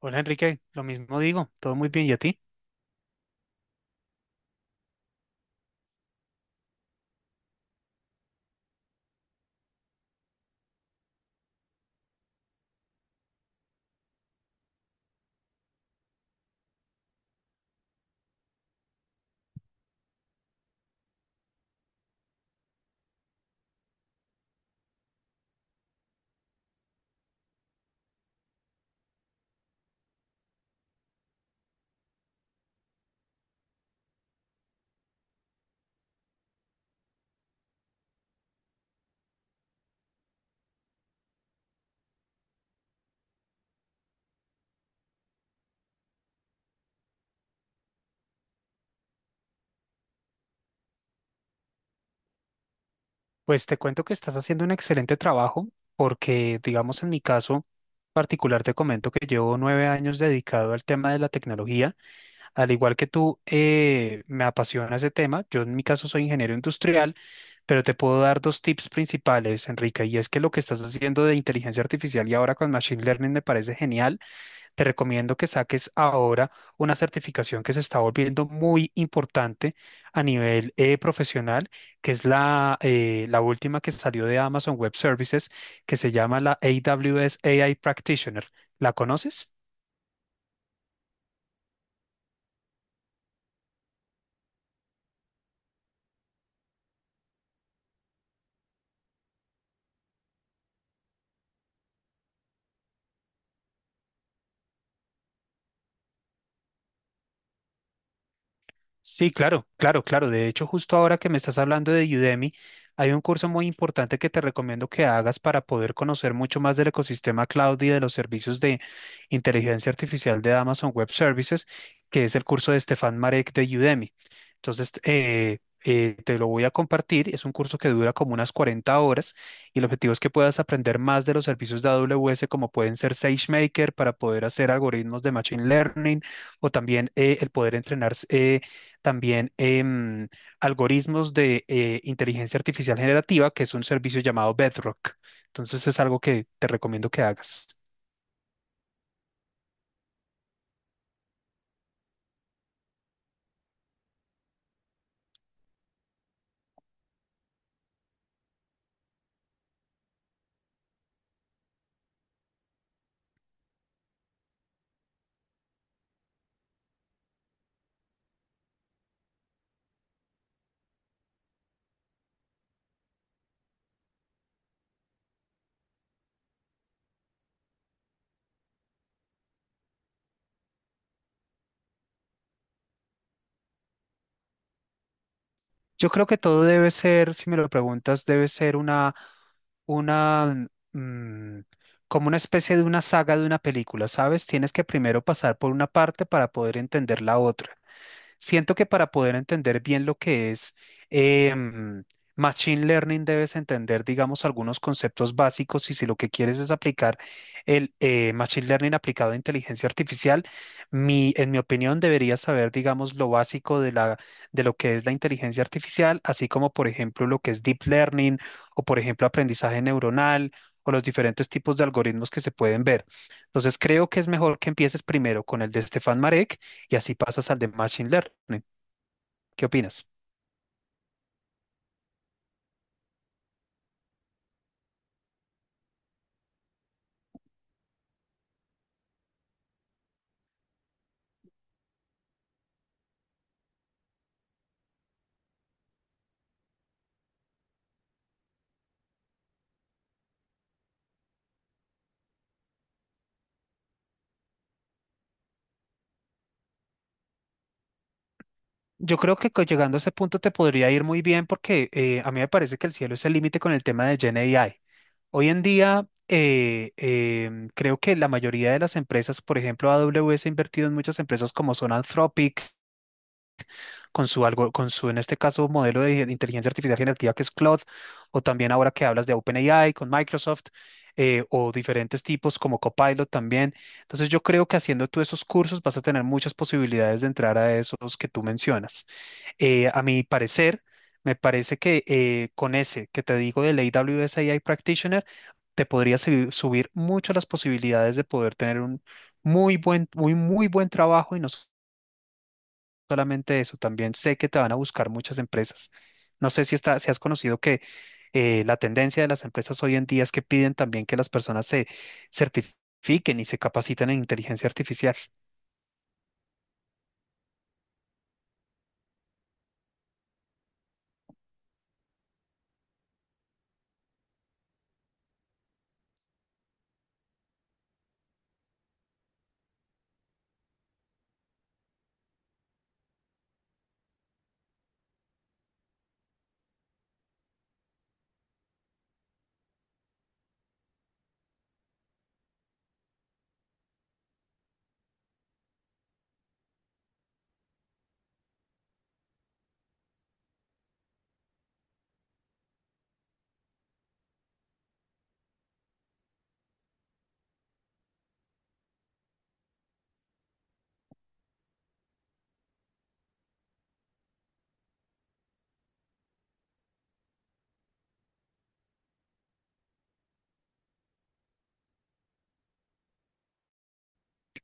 Hola Enrique, lo mismo digo, todo muy bien. ¿Y a ti? Pues te cuento que estás haciendo un excelente trabajo porque, digamos, en mi caso particular te comento que llevo 9 años dedicado al tema de la tecnología. Al igual que tú, me apasiona ese tema. Yo en mi caso soy ingeniero industrial, pero te puedo dar dos tips principales, Enrique, y es que lo que estás haciendo de inteligencia artificial y ahora con Machine Learning me parece genial. Te recomiendo que saques ahora una certificación que se está volviendo muy importante a nivel profesional, que es la última que salió de Amazon Web Services, que se llama la AWS AI Practitioner. ¿La conoces? Sí, claro, claro, claro. De hecho, justo ahora que me estás hablando de Udemy, hay un curso muy importante que te recomiendo que hagas para poder conocer mucho más del ecosistema cloud y de los servicios de inteligencia artificial de Amazon Web Services, que es el curso de Stefan Marek de Udemy. Entonces, te lo voy a compartir. Es un curso que dura como unas 40 horas y el objetivo es que puedas aprender más de los servicios de AWS, como pueden ser SageMaker para poder hacer algoritmos de Machine Learning o también el poder entrenar también algoritmos de inteligencia artificial generativa, que es un servicio llamado Bedrock. Entonces es algo que te recomiendo que hagas. Yo creo que todo debe ser, si me lo preguntas, debe ser una, mm, como una especie de una saga de una película, ¿sabes? Tienes que primero pasar por una parte para poder entender la otra. Siento que para poder entender bien lo que es em, Machine Learning debes entender, digamos, algunos conceptos básicos y si lo que quieres es aplicar el Machine Learning aplicado a inteligencia artificial, en mi opinión deberías saber, digamos, lo básico de lo que es la inteligencia artificial, así como, por ejemplo, lo que es Deep Learning o, por ejemplo, aprendizaje neuronal o los diferentes tipos de algoritmos que se pueden ver. Entonces, creo que es mejor que empieces primero con el de Stefan Marek y así pasas al de Machine Learning. ¿Qué opinas? Yo creo que llegando a ese punto te podría ir muy bien porque a mí me parece que el cielo es el límite con el tema de Gen AI. Hoy en día, creo que la mayoría de las empresas, por ejemplo, AWS ha invertido en muchas empresas como son Anthropic, con su, en este caso, modelo de inteligencia artificial generativa que es Claude, o también ahora que hablas de OpenAI con Microsoft, o diferentes tipos como Copilot también. Entonces yo creo que haciendo tú esos cursos vas a tener muchas posibilidades de entrar a esos que tú mencionas. A mi parecer, me parece que con ese que te digo del AWS AI Practitioner, te podría subir mucho las posibilidades de poder tener un muy, muy buen trabajo y no solamente eso, también sé que te van a buscar muchas empresas. No sé si has conocido que la tendencia de las empresas hoy en día es que piden también que las personas se certifiquen y se capaciten en inteligencia artificial.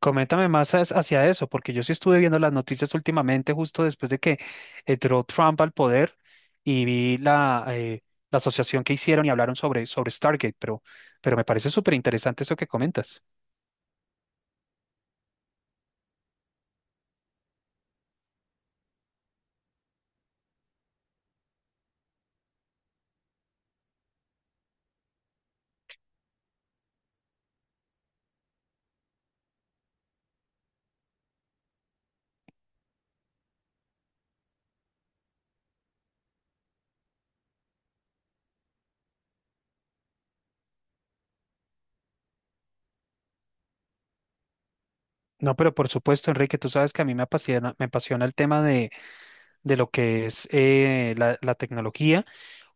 Coméntame más hacia eso, porque yo sí estuve viendo las noticias últimamente, justo después de que entró Trump al poder y vi la asociación que hicieron y hablaron sobre Stargate, pero me parece súper interesante eso que comentas. No, pero por supuesto, Enrique, tú sabes que a mí me apasiona el tema de lo que es la tecnología.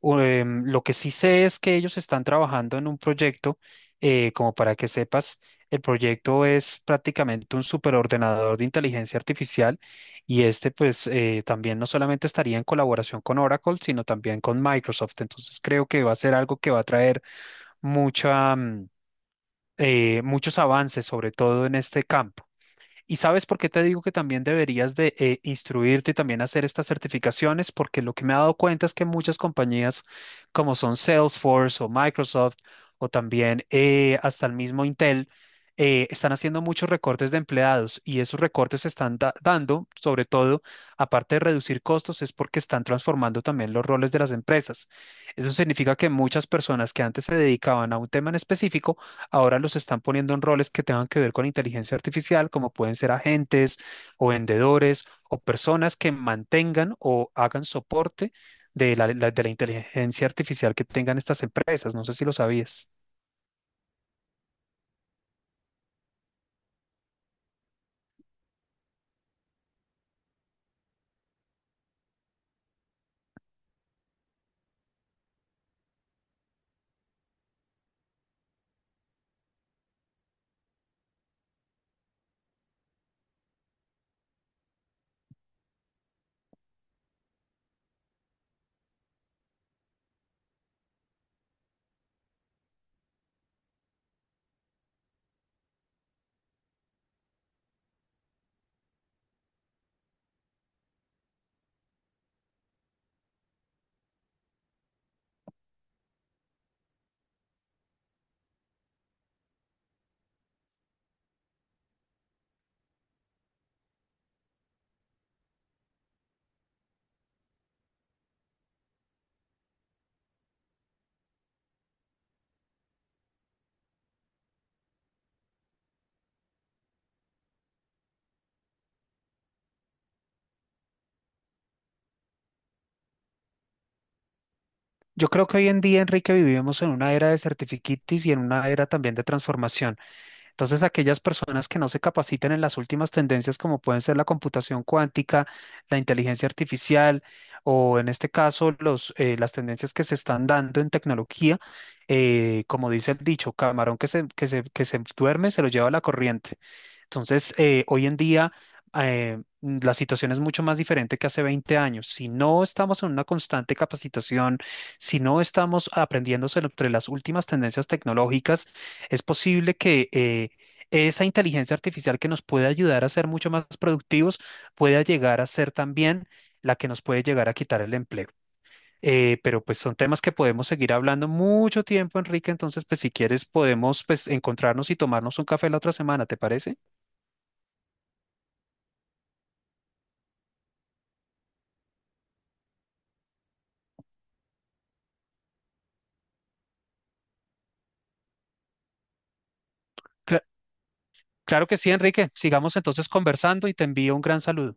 O, lo que sí sé es que ellos están trabajando en un proyecto, como para que sepas, el proyecto es prácticamente un superordenador de inteligencia artificial y este pues también no solamente estaría en colaboración con Oracle, sino también con Microsoft. Entonces creo que va a ser algo que va a traer mucha, mm, muchos avances, sobre todo en este campo. Y sabes por qué te digo que también deberías de instruirte y también hacer estas certificaciones, porque lo que me he dado cuenta es que muchas compañías como son Salesforce o Microsoft o también hasta el mismo Intel, están haciendo muchos recortes de empleados y esos recortes se están dando, sobre todo, aparte de reducir costos, es porque están transformando también los roles de las empresas. Eso significa que muchas personas que antes se dedicaban a un tema en específico, ahora los están poniendo en roles que tengan que ver con inteligencia artificial, como pueden ser agentes o vendedores o personas que mantengan o hagan soporte de la inteligencia artificial que tengan estas empresas. No sé si lo sabías. Yo creo que hoy en día, Enrique, vivimos en una era de certificates y en una era también de transformación. Entonces, aquellas personas que no se capaciten en las últimas tendencias, como pueden ser la computación cuántica, la inteligencia artificial o en este caso las tendencias que se están dando en tecnología, como dice el dicho, camarón que se duerme se lo lleva la corriente. Entonces, hoy en día la situación es mucho más diferente que hace 20 años. Si no estamos en una constante capacitación, si no estamos aprendiendo sobre las últimas tendencias tecnológicas, es posible que esa inteligencia artificial que nos puede ayudar a ser mucho más productivos pueda llegar a ser también la que nos puede llegar a quitar el empleo. Pero pues son temas que podemos seguir hablando mucho tiempo, Enrique. Entonces, pues si quieres podemos pues encontrarnos y tomarnos un café la otra semana, ¿te parece? Cla- Claro que sí, Enrique. Sigamos entonces conversando y te envío un gran saludo.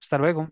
Hasta luego.